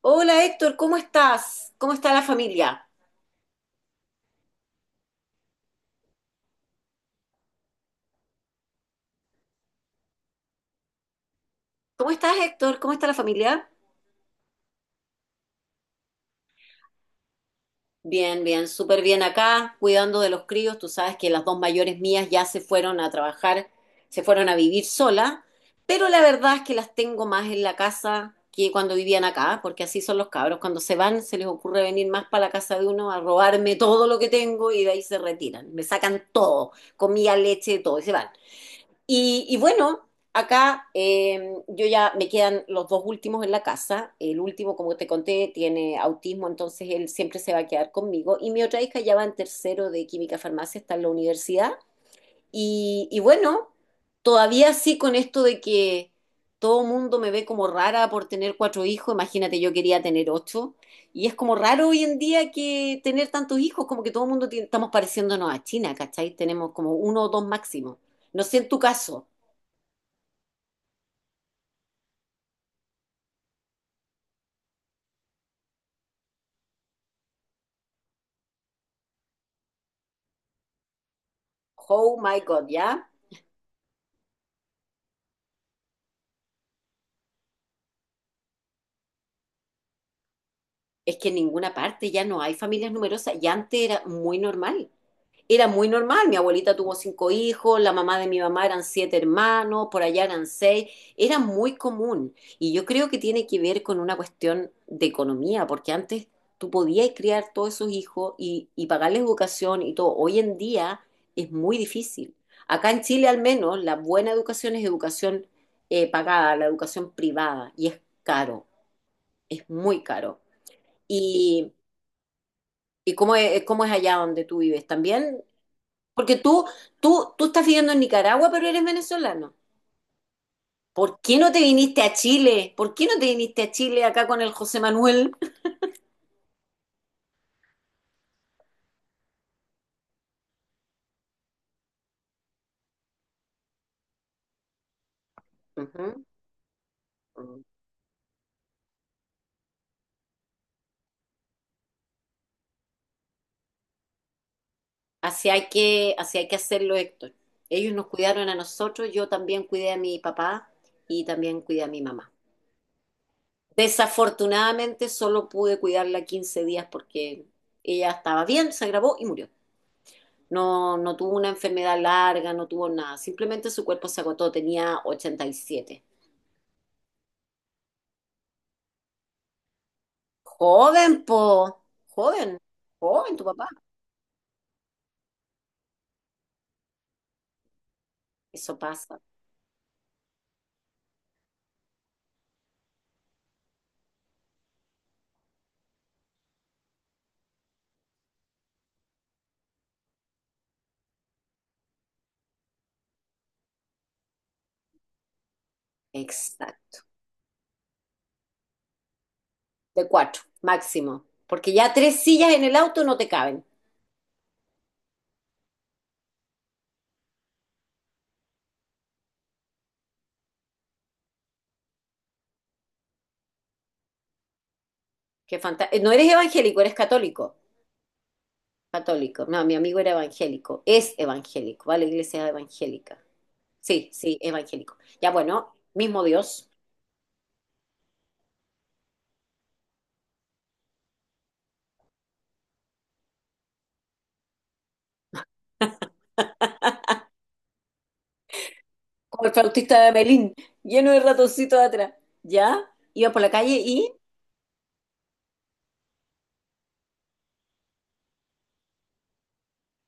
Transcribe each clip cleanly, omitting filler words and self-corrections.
Hola Héctor, ¿cómo estás? ¿Cómo está la familia? ¿Cómo estás Héctor? ¿Cómo está la familia? Bien, bien, súper bien acá, cuidando de los críos. Tú sabes que las dos mayores mías ya se fueron a trabajar, se fueron a vivir sola, pero la verdad es que las tengo más en la casa que cuando vivían acá, porque así son los cabros. Cuando se van, se les ocurre venir más para la casa de uno a robarme todo lo que tengo y de ahí se retiran. Me sacan todo, comida, leche, todo, y se van. Y bueno, acá yo ya me quedan los dos últimos en la casa. El último, como te conté, tiene autismo, entonces él siempre se va a quedar conmigo. Y mi otra hija ya va en tercero de química farmacia, está en la universidad. Y bueno, todavía sí con esto de que todo mundo me ve como rara por tener cuatro hijos. Imagínate, yo quería tener ocho. Y es como raro hoy en día que tener tantos hijos, como que todo el mundo tiene- estamos pareciéndonos a China, ¿cachai? Tenemos como uno o dos máximo. No sé en tu caso. Oh my God, ¿ya? Es que en ninguna parte ya no hay familias numerosas. Y antes era muy normal. Era muy normal. Mi abuelita tuvo cinco hijos, la mamá de mi mamá eran siete hermanos, por allá eran seis. Era muy común. Y yo creo que tiene que ver con una cuestión de economía, porque antes tú podías criar todos esos hijos y pagarles educación y todo. Hoy en día es muy difícil. Acá en Chile al menos la buena educación es educación pagada, la educación privada, y es caro, es muy caro. ¿Y, ¿y cómo es allá donde tú vives? También, porque tú estás viviendo en Nicaragua, pero eres venezolano. ¿Por qué no te viniste a Chile? ¿Por qué no te viniste a Chile acá con el José Manuel? Ujú. Así hay que hacerlo, Héctor. Ellos nos cuidaron a nosotros, yo también cuidé a mi papá y también cuidé a mi mamá. Desafortunadamente solo pude cuidarla 15 días porque ella estaba bien, se agravó y murió. No, no tuvo una enfermedad larga, no tuvo nada. Simplemente su cuerpo se agotó, tenía 87. Joven, po. Joven. Joven, tu papá. Eso pasa. Exacto. De cuatro, máximo. Porque ya tres sillas en el auto no te caben. No eres evangélico, eres católico. Católico. No, mi amigo era evangélico. Es evangélico, ¿vale? Iglesia evangélica. Sí, sí, evangélico. Ya bueno, mismo Dios. Como el flautista de Amelín, lleno de ratoncitos atrás. ¿Ya? Iba por la calle y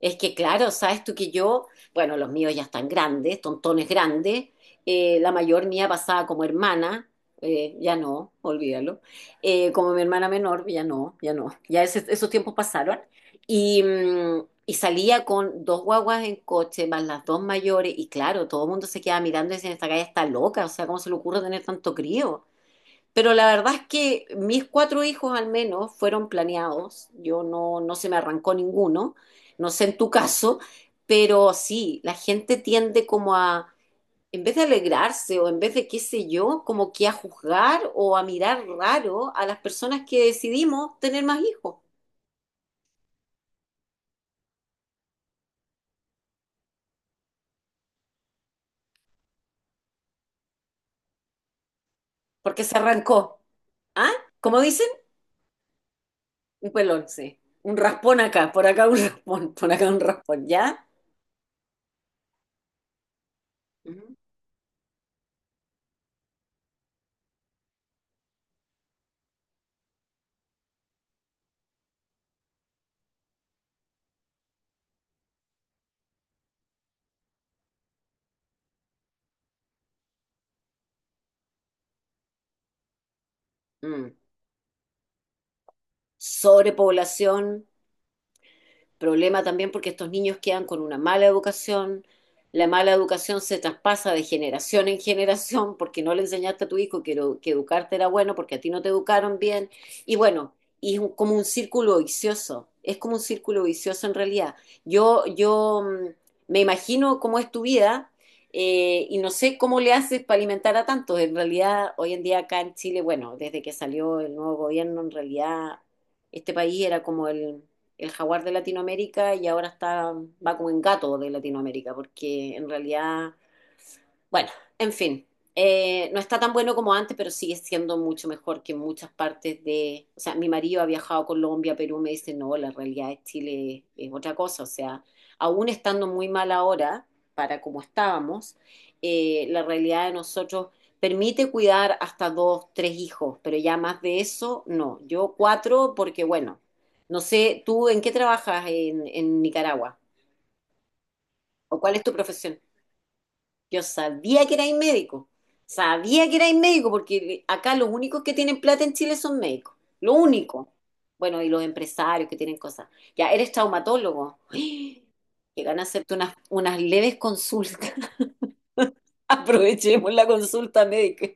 es que, claro, sabes tú que yo, bueno, los míos ya están grandes, tontones grandes. La mayor mía pasaba como hermana, ya no, olvídalo. Como mi hermana menor, ya no, ya no. Ya esos tiempos pasaron. Y salía con dos guaguas en coche, más las dos mayores. Y claro, todo el mundo se quedaba mirando y decía, esta calle está loca, o sea, ¿cómo se le ocurre tener tanto crío? Pero la verdad es que mis cuatro hijos al menos fueron planeados. Yo no, no se me arrancó ninguno. No sé en tu caso, pero sí, la gente tiende como a, en vez de alegrarse o en vez de qué sé yo, como que a juzgar o a mirar raro a las personas que decidimos tener más hijos, porque se arrancó. ¿Ah? ¿Cómo dicen? Un pelón, sí. Un raspón acá, por acá un raspón, por acá un raspón, ¿ya? Ujú. Mm. Sobrepoblación. Problema también porque estos niños quedan con una mala educación. La mala educación se traspasa de generación en generación porque no le enseñaste a tu hijo que educarte era bueno, porque a ti no te educaron bien. Y bueno, y como un círculo vicioso. Es como un círculo vicioso en realidad. Yo me imagino cómo es tu vida. Y no sé cómo le haces para alimentar a tantos. En realidad, hoy en día acá en Chile, bueno, desde que salió el nuevo gobierno, en realidad este país era como el jaguar de Latinoamérica y ahora está, va como en gato de Latinoamérica, porque en realidad bueno, en fin, no está tan bueno como antes, pero sigue siendo mucho mejor que muchas partes de... O sea, mi marido ha viajado a Colombia, Perú, me dice, no, la realidad de Chile es otra cosa. O sea, aún estando muy mal ahora, para como estábamos, la realidad de nosotros permite cuidar hasta dos, tres hijos, pero ya más de eso, no. Yo cuatro, porque bueno, no sé, ¿tú en qué trabajas en Nicaragua? ¿O cuál es tu profesión? Yo sabía que erais médico. Sabía que erais médico porque acá los únicos que tienen plata en Chile son médicos. Lo único. Bueno, y los empresarios que tienen cosas. Ya, eres traumatólogo. ¡Ay! Llegan a hacerte unas leves consultas. Aprovechemos la consulta médica.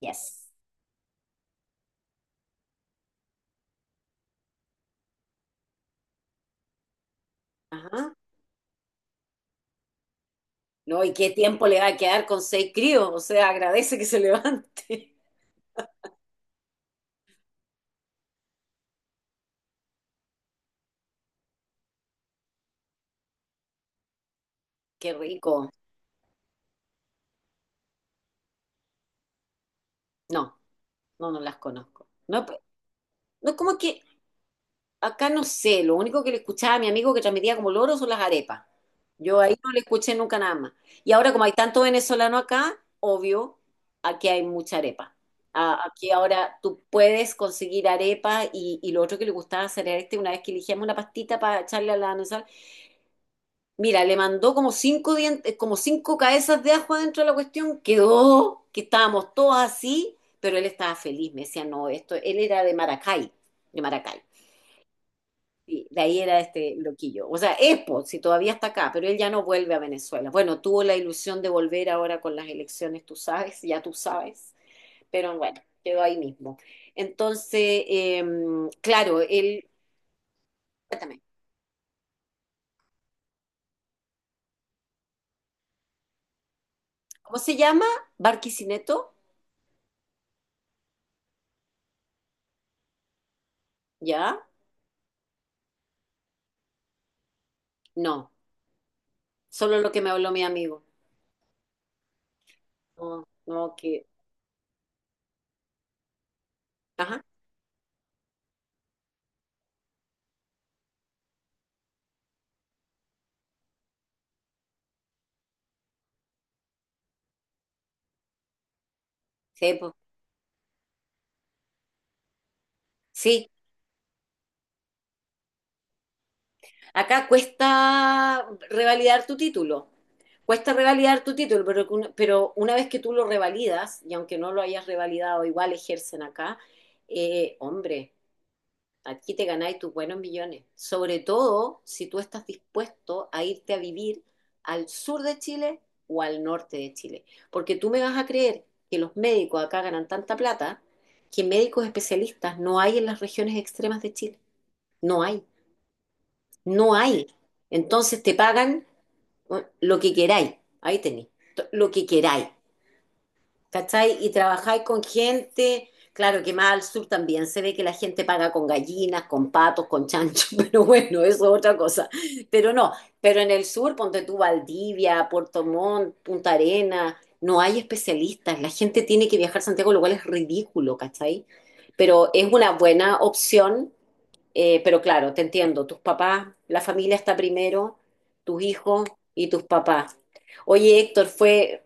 Yes. Ajá. No, ¿y qué tiempo le va a quedar con seis críos? O sea, agradece que se levante. Qué rico. No, no, no las conozco. No, no, como que acá no sé, lo único que le escuchaba a mi amigo que transmitía como loro son las arepas. Yo ahí no le escuché nunca nada más. Y ahora como hay tanto venezolano acá, obvio, aquí hay mucha arepa. Aquí ahora tú puedes conseguir arepa y lo otro que le gustaba hacer a este, una vez que elegíamos una pastita para echarle a la sal, mira, le mandó como cinco dientes, como cinco cabezas de ajo adentro de la cuestión, quedó que estábamos todos así, pero él estaba feliz, me decía, no, esto, él era de Maracay, de Maracay. Sí, de ahí era este loquillo. O sea, Expo, si todavía está acá, pero él ya no vuelve a Venezuela. Bueno, tuvo la ilusión de volver ahora con las elecciones, tú sabes, ya tú sabes, pero bueno, quedó ahí mismo. Entonces, claro, él, cuéntame, ¿cómo se llama? ¿Barquisineto? ¿Ya? No, solo lo que me habló mi amigo. No, no, que, ajá, sí, pues, sí. Acá cuesta revalidar tu título. Cuesta revalidar tu título, pero una vez que tú lo revalidas, y aunque no lo hayas revalidado, igual ejercen acá, hombre, aquí te ganáis tus buenos millones. Sobre todo si tú estás dispuesto a irte a vivir al sur de Chile o al norte de Chile. Porque tú me vas a creer que los médicos acá ganan tanta plata que médicos especialistas no hay en las regiones extremas de Chile. No hay. No hay. Entonces te pagan, bueno, lo que queráis. Ahí tenéis. Lo que queráis. ¿Cachai? Y trabajáis con gente. Claro que más al sur también se ve que la gente paga con gallinas, con patos, con chanchos, pero bueno, eso es otra cosa. Pero no, pero en el sur, ponte tú Valdivia, Puerto Montt, Punta Arenas, no hay especialistas. La gente tiene que viajar a Santiago, lo cual es ridículo, ¿cachai? Pero es una buena opción, pero claro, te entiendo, tus papás, la familia está primero, tus hijos y tus papás. Oye, Héctor, fue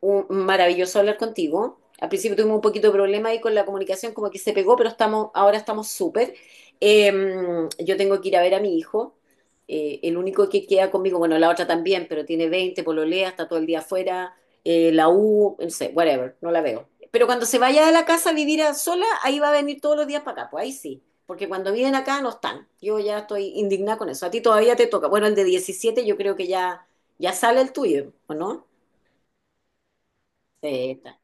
maravilloso hablar contigo. Al principio tuvimos un poquito de problema ahí con la comunicación, como que se pegó, pero estamos, ahora estamos súper. Eh, yo tengo que ir a ver a mi hijo, el único que queda conmigo, bueno, la otra también, pero tiene 20, pololea, está todo el día afuera, la U, no sé, whatever, no la veo. Pero cuando se vaya de la casa a vivir a sola, ahí va a venir todos los días para acá, pues ahí sí. Porque cuando viven acá no están. Yo ya estoy indignada con eso. A ti todavía te toca. Bueno, el de 17 yo creo que ya, ya sale el tuyo, ¿o no? Sí, está.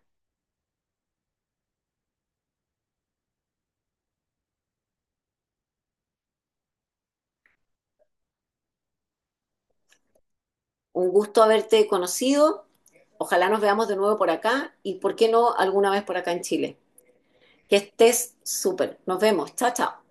Un gusto haberte conocido. Ojalá nos veamos de nuevo por acá y, ¿por qué no, alguna vez por acá en Chile? Que estés súper. Nos vemos. Chao, chao.